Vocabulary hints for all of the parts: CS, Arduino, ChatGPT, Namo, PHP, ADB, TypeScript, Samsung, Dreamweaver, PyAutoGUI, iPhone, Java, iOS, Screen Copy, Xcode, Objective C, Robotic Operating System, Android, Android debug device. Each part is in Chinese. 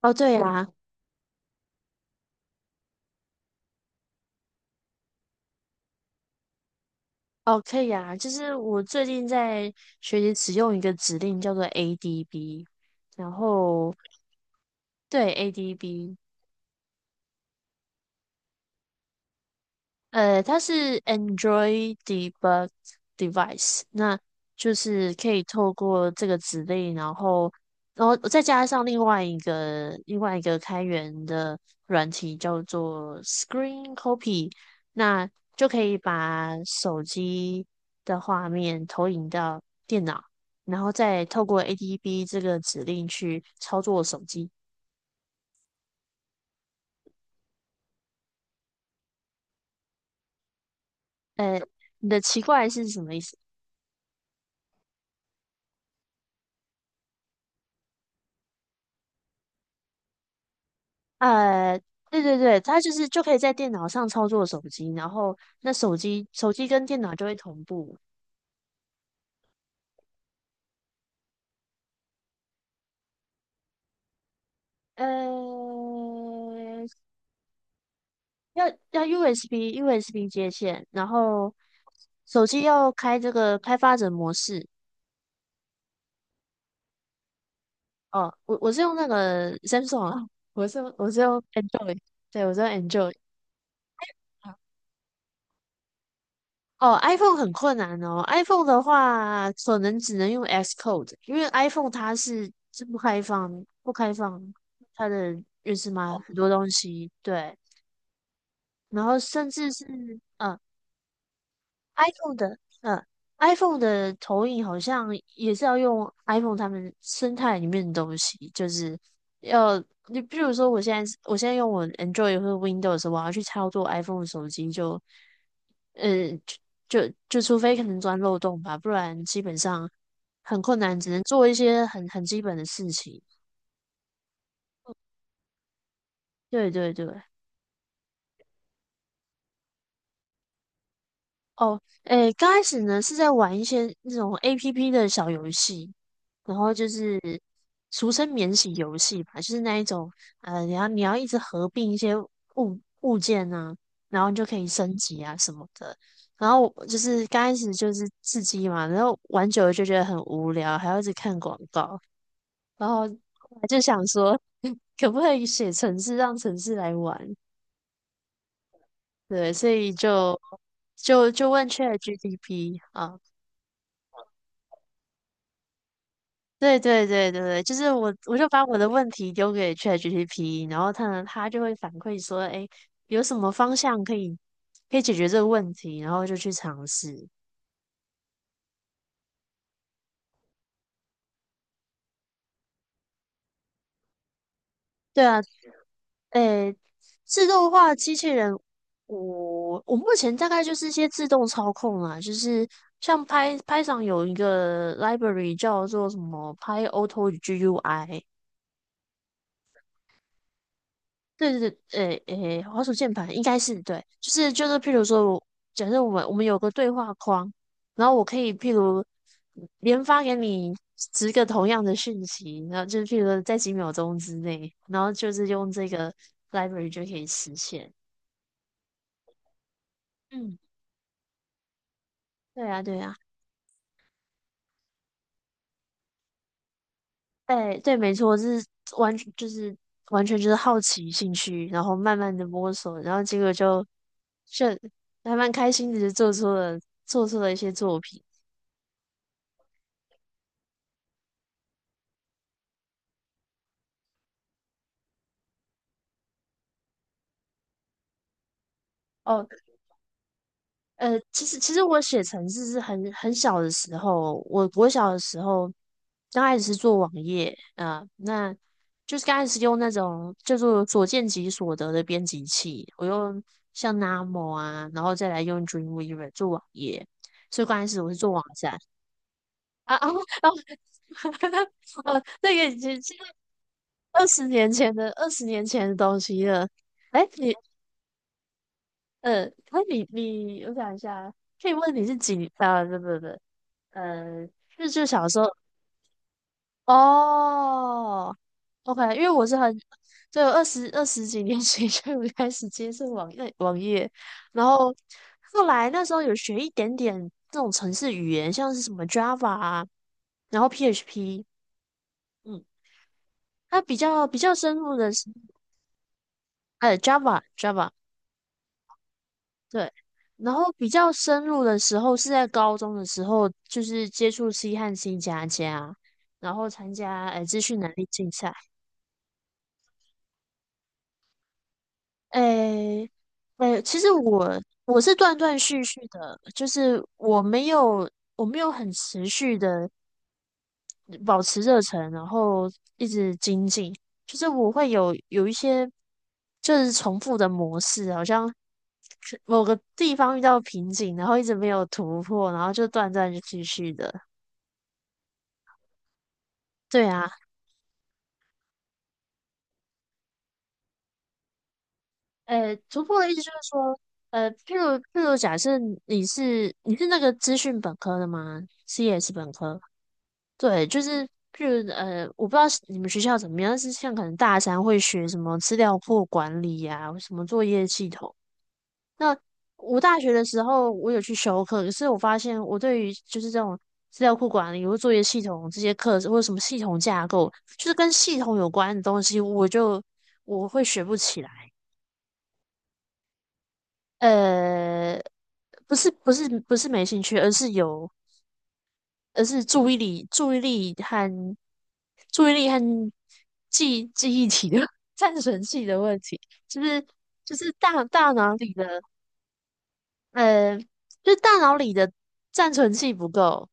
哦，对呀。哦，可以呀，就是我最近在学习使用一个指令叫做 ADB，然后对， ADB。它是 Android debug device，那就是可以透过这个指令，然后再加上另外一个开源的软体叫做 Screen Copy，那就可以把手机的画面投影到电脑，然后再透过 ADB 这个指令去操作手机。呃，你的奇怪是什么意思？呃，对对对，它就是就可以在电脑上操作手机，然后那手机跟电脑就会同步。呃，要 USB 接线，然后手机要开这个开发者模式。哦，我是用那个 Samsung 啊，我是用 Android。对，我是用 Android。哦，iPhone 很困难哦。iPhone 的话，可能只能用 Xcode，因为 iPhone 它是不开放它的认识码哦很多东西。对，然后甚至是iPhone 的，嗯，iPhone 的投影好像也是要用 iPhone 他们生态里面的东西，就是要你比如说，我现在用我 Android 或者 Windows，我要去操作 iPhone 的手机就，嗯，就除非可能钻漏洞吧，不然基本上很困难，只能做一些很基本的事情。对对对。哦，诶，刚开始呢是在玩一些那种 APP 的小游戏，然后就是俗称免洗游戏吧，就是那一种。你要一直合并一些物件啊，然后你就可以升级啊什么的。然后我就是刚开始就是刺激嘛，然后玩久了就觉得很无聊，还要一直看广告，然后我就想说，可不可以写城市让城市来玩？对，所以就问 c h a t p 啊。对对对对对，就是我就把我的问题丢给 ChatGPT，然后它呢，它就会反馈说，哎，有什么方向可以解决这个问题，然后就去尝试。对啊。诶，自动化机器人，我目前大概就是一些自动操控啦，就是像 Py p y t 有一个 library 叫做什么 PyAuto GUI。对对对。诶诶，滑鼠键盘应该是对，就是就是，譬如说我，假设我们有个对话框，然后我可以譬如连发给你10个同样的讯息，然后就是譬如说在几秒钟之内，然后就是用这个 library 就可以实现。嗯。对啊，对啊。对对，没错，就是完全就是完全就是好奇兴趣，然后慢慢的摸索，然后结果就还蛮开心的，就做出了一些作品。哦。其实我写程式是很小的时候，我小的时候刚开始是做网页。啊，那就是刚开始用那种叫做所见即所得的编辑器，我用像 Namo 啊，然后再来用 Dreamweaver 做网页，所以刚开始我是做网站啊啊啊。哦，那个已经是二十年前的东西了。哎，可以我想一下，可以问你是几？啊，不不不。呃，就小时候。哦，OK，因为我是很，对，20几年前就有开始接触网页网，然后后来那时候有学一点点这种程式语言，像是什么 Java 啊，然后 PHP。嗯，它比较深入的是，Java。对，然后比较深入的时候是在高中的时候，就是接触西汉、新加加，然后参加资讯能力竞赛。诶诶，其实我是断断续续的，就是我没有很持续的保持热忱，然后一直精进。就是我会有一些就是重复的模式，好像是某个地方遇到瓶颈，然后一直没有突破，然后就断断续续的。对啊。突破的意思就是说，呃，譬如譬如假设你是那个资讯本科的吗？CS 本科，对，就是譬如我不知道是你们学校怎么样，但是像可能大三会学什么资料库管理呀、什么作业系统。那我大学的时候，我有去修课，可是我发现我对于就是这种资料库管理或作业系统这些课，或者什么系统架构，就是跟系统有关的东西，我会学不起来。呃，不是不是不是没兴趣，而是注意力和记忆体的 战神系的问题，就是就是大脑里的。呃，就大脑里的暂存器不够。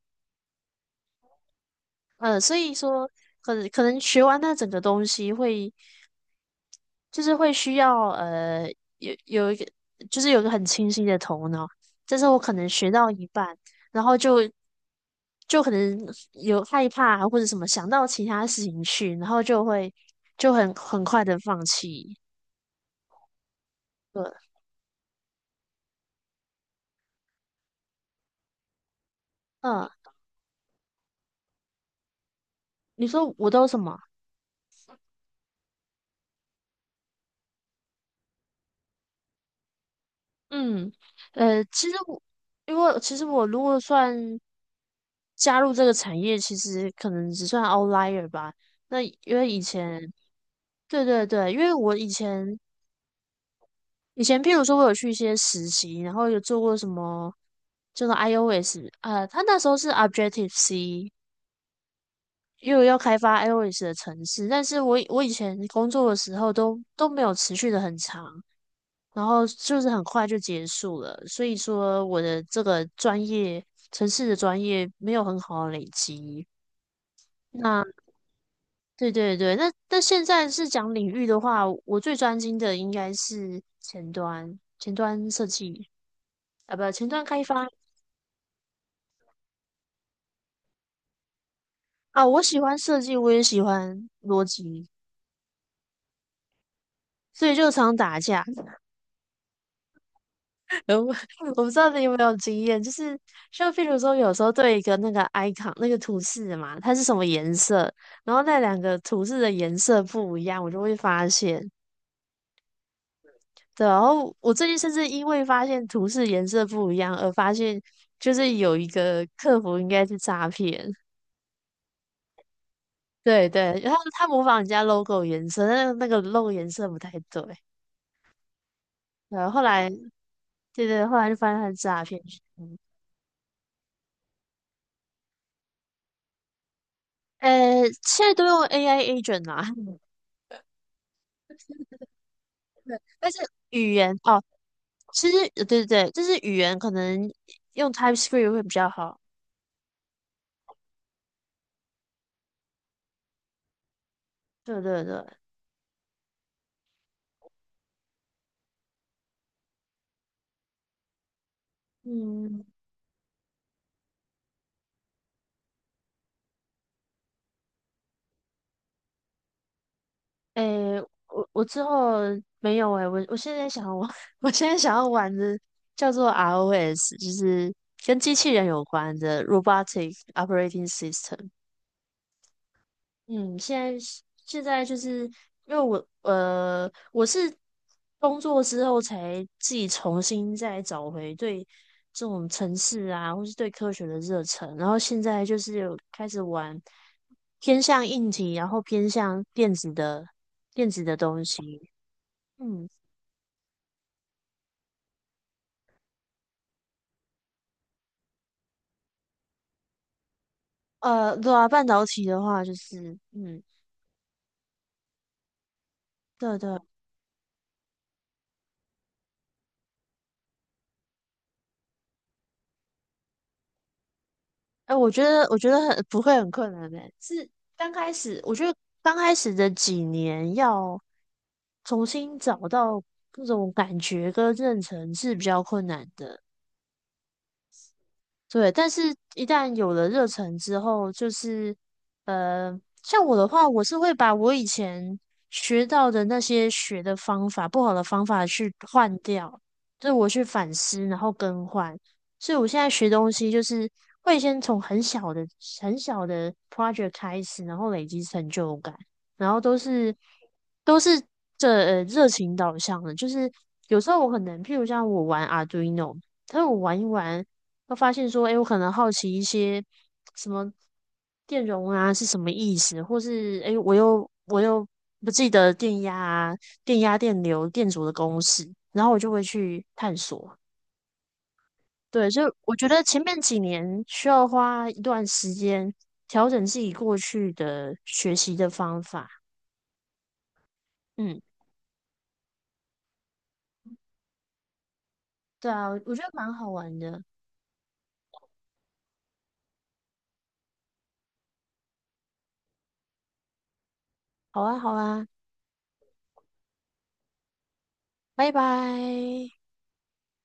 所以说可能学完那整个东西会，就是会需要有一个就是有一个很清晰的头脑，但是我可能学到一半，然后就可能有害怕啊或者什么想到其他事情去，然后就会很快的放弃。对。嗯，你说我都什么？嗯，呃，其实我。因为其实我如果算加入这个产业，其实可能只算 outlier 吧。那因为以前，对对对，因为我以前譬如说我有去一些实习，然后有做过什么，就是 iOS。他那时候是 Objective C，因为我要开发 iOS 的程式，但是我以前工作的时候都没有持续的很长，然后就是很快就结束了，所以说我的这个专业，程式的专业没有很好的累积。那对对对。那现在是讲领域的话，我最专精的应该是前端，前端设计啊，不，前端开发啊。我喜欢设计，我也喜欢逻辑，所以就常打架。然我我不知道你有没有经验，就是像譬如说，有时候对一个那个 icon 那个图示嘛，它是什么颜色，然后那2个图示的颜色不一样，我就会发现。对啊。然后我最近甚至因为发现图示颜色不一样而发现，就是有一个客服应该是诈骗。对对，然后他模仿人家 logo 颜色，但是那个 logo 颜色不太对。然后后来，对对，后来就发现他是诈骗。嗯。现在都用 AI agent 啊。但是语言哦，其实对对对，就是语言可能用 TypeScript 会比较好。对对对。嗯。诶，我之后没有诶，我现在想我 我现在想要玩的叫做 ROS，就是跟机器人有关的 Robotic Operating System。嗯，现在就是因为我是工作之后才自己重新再找回对这种城市啊，或是对科学的热忱，然后现在就是有开始玩偏向硬体，然后偏向电子的东西。嗯，对啊，半导体的话就是。嗯，对对，哎、我觉得不会很困难的、是刚开始，我觉得刚开始的几年要重新找到那种感觉跟认成是比较困难的。对，但是一旦有了热忱之后，就是像我的话，我是会把我以前学到的那些学的方法、不好的方法去换掉，就是我去反思，然后更换。所以我现在学东西，就是会先从很小的、很小的 project 开始，然后累积成就感，然后都是这热情导向的，就是有时候我可能，譬如像我玩 Arduino。但我玩一玩，会发现说，哎，我可能好奇一些什么电容啊是什么意思，或是哎，诶我又不记得电压、电流、电阻的公式，然后我就会去探索。对，所以我觉得前面几年需要花一段时间调整自己过去的学习的方法。嗯，对啊，我觉得蛮好玩的。好啊，好啊，拜拜。